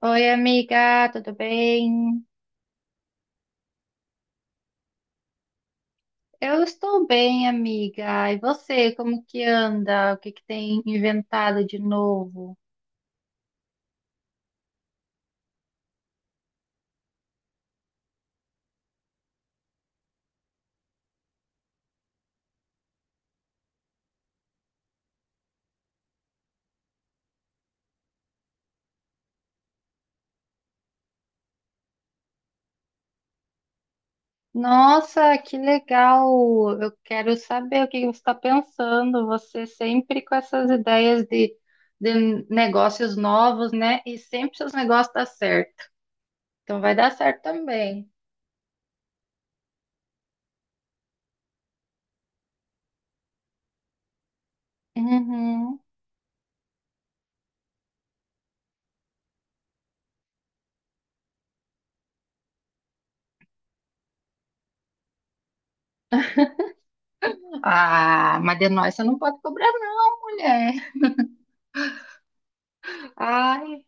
Oi, amiga, tudo bem? Eu estou bem, amiga. E você, como que anda? O que que tem inventado de novo? Nossa, que legal! Eu quero saber o que que você está pensando. Você sempre com essas ideias de negócios novos, né? E sempre seus negócios dão certo. Então vai dar certo também. Uhum. Ah, mas de nós você não pode cobrar, não, mulher. Ai.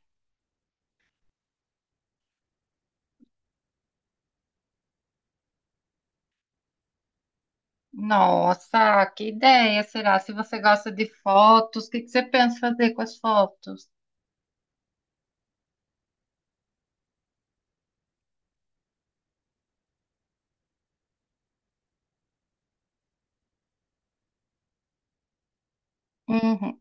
Nossa, que ideia será? Se você gosta de fotos, o que que você pensa fazer com as fotos? Uhum.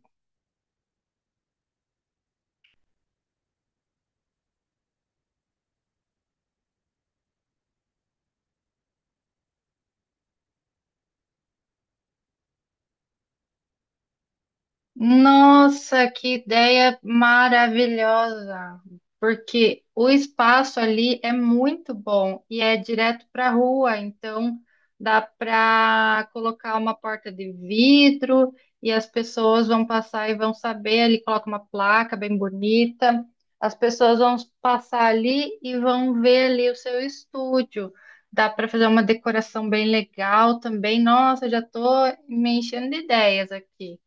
Nossa, que ideia maravilhosa! Porque o espaço ali é muito bom e é direto para a rua, então dá para colocar uma porta de vidro e as pessoas vão passar e vão saber. Ali coloca uma placa bem bonita, as pessoas vão passar ali e vão ver ali o seu estúdio. Dá para fazer uma decoração bem legal também. Nossa, já estou me enchendo de ideias aqui.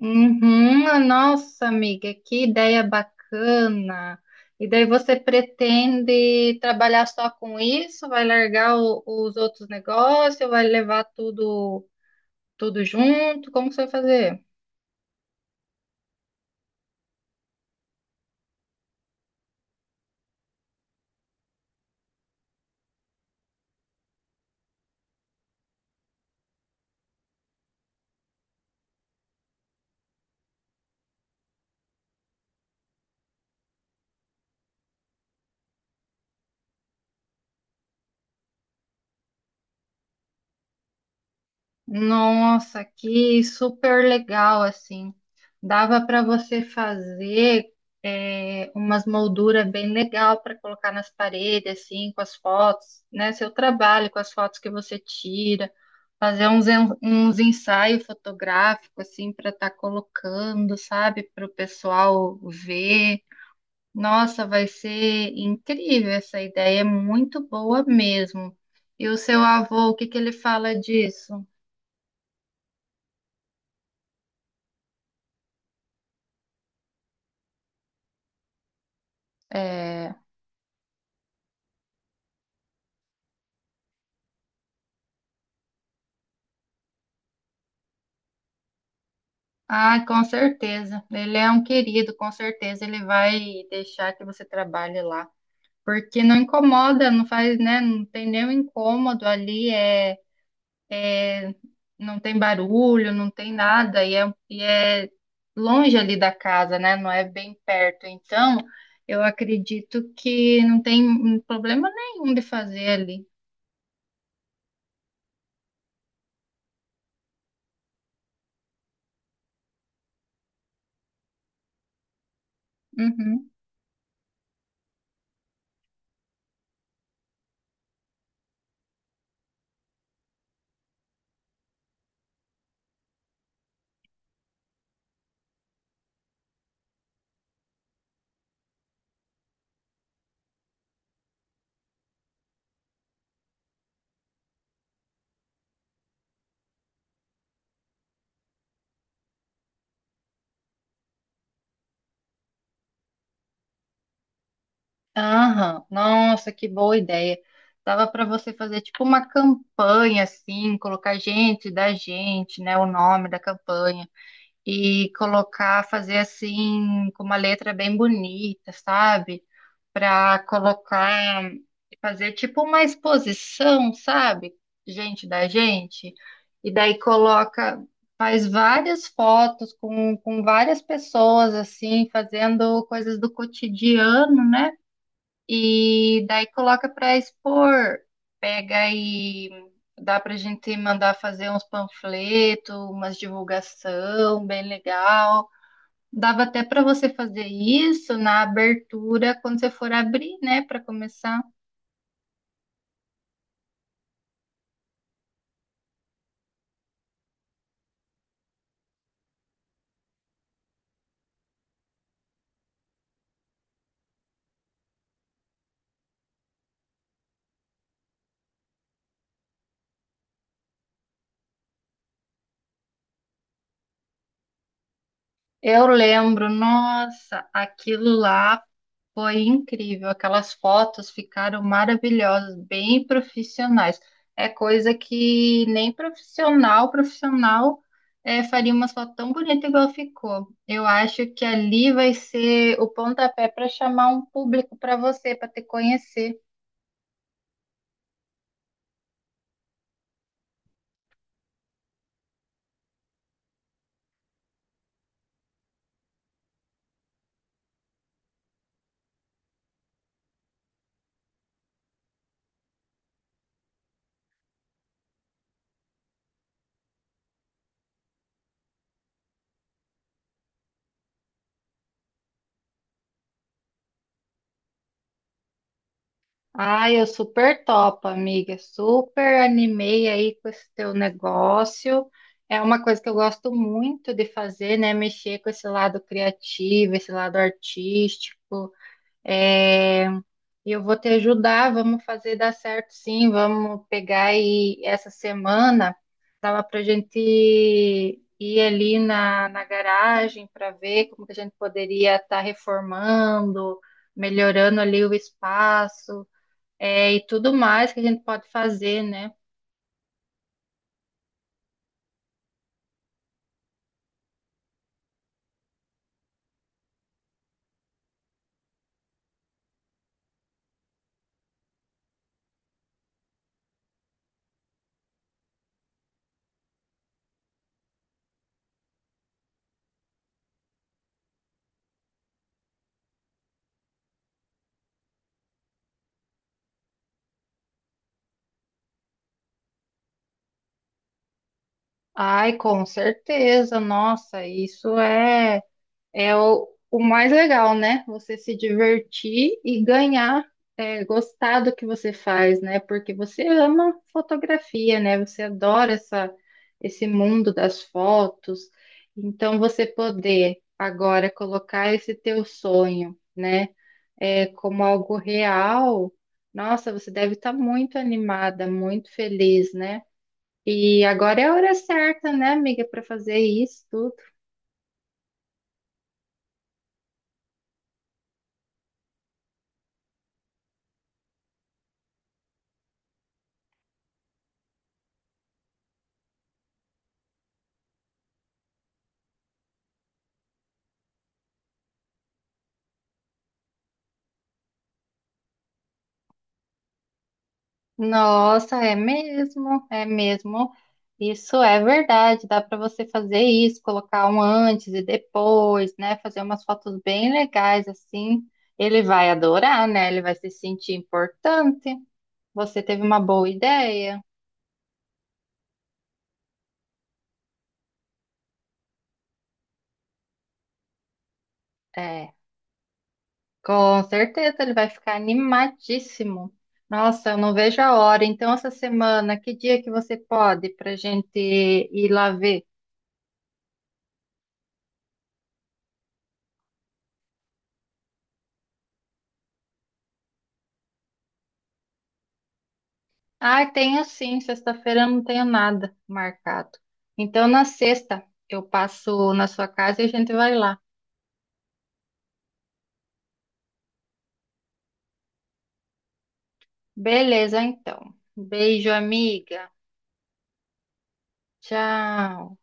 Uhum. Ah, nossa, amiga, que ideia bacana. E daí você pretende trabalhar só com isso? Vai largar os outros negócios? Vai levar tudo junto? Como que você vai fazer? Nossa, que super legal, assim. Dava para você fazer umas molduras bem legal para colocar nas paredes, assim, com as fotos, né? Seu trabalho, com as fotos que você tira. Fazer uns ensaios fotográficos, assim, para estar colocando, sabe, para o pessoal ver. Nossa, vai ser incrível essa ideia, é muito boa mesmo. E o seu avô, o que que ele fala disso? É... Ah, com certeza. Ele é um querido, com certeza ele vai deixar que você trabalhe lá. Porque não incomoda, não faz, né? Não tem nenhum incômodo ali. É, não tem barulho, não tem nada, e é longe ali da casa, né? Não é bem perto. Então, eu acredito que não tem problema nenhum de fazer ali. Uhum. Aham, nossa, que boa ideia. Dava para você fazer tipo uma campanha assim, colocar gente da gente, né, o nome da campanha e colocar, fazer assim com uma letra bem bonita, sabe? Para colocar, fazer tipo uma exposição, sabe? Gente da gente. E daí coloca, faz várias fotos com várias pessoas, assim, fazendo coisas do cotidiano, né? E daí coloca para expor, pega e dá pra gente mandar fazer uns panfletos, umas divulgação bem legal. Dava até para você fazer isso na abertura, quando você for abrir, né, para começar. Eu lembro, nossa, aquilo lá foi incrível. Aquelas fotos ficaram maravilhosas, bem profissionais. É coisa que nem profissional, profissional, faria uma foto tão bonita igual ficou. Eu acho que ali vai ser o pontapé para chamar um público para você, para te conhecer. Ai, eu super topo, amiga. Super animei aí com esse teu negócio. É uma coisa que eu gosto muito de fazer, né? Mexer com esse lado criativo, esse lado artístico. É, e eu vou te ajudar, vamos fazer dar certo sim. Vamos pegar aí essa semana. Dava pra gente ir ali na garagem para ver como que a gente poderia estar reformando, melhorando ali o espaço, é, e tudo mais que a gente pode fazer, né? Ai, com certeza, nossa, é o mais legal, né? Você se divertir e ganhar, é, gostar do que você faz, né? Porque você ama fotografia, né? Você adora essa, esse mundo das fotos. Então, você poder agora colocar esse teu sonho, né? É, como algo real, nossa, você deve estar muito animada, muito feliz, né? E agora é a hora certa, né, amiga, para fazer isso tudo. Nossa, é mesmo, é mesmo. Isso é verdade, dá para você fazer isso, colocar um antes e depois, né? Fazer umas fotos bem legais assim. Ele vai adorar, né? Ele vai se sentir importante. Você teve uma boa ideia. É. Com certeza, ele vai ficar animadíssimo. Nossa, eu não vejo a hora. Então, essa semana, que dia que você pode para gente ir lá ver? Ah, tenho sim, sexta-feira eu não tenho nada marcado. Então, na sexta, eu passo na sua casa e a gente vai lá. Beleza, então. Beijo, amiga. Tchau.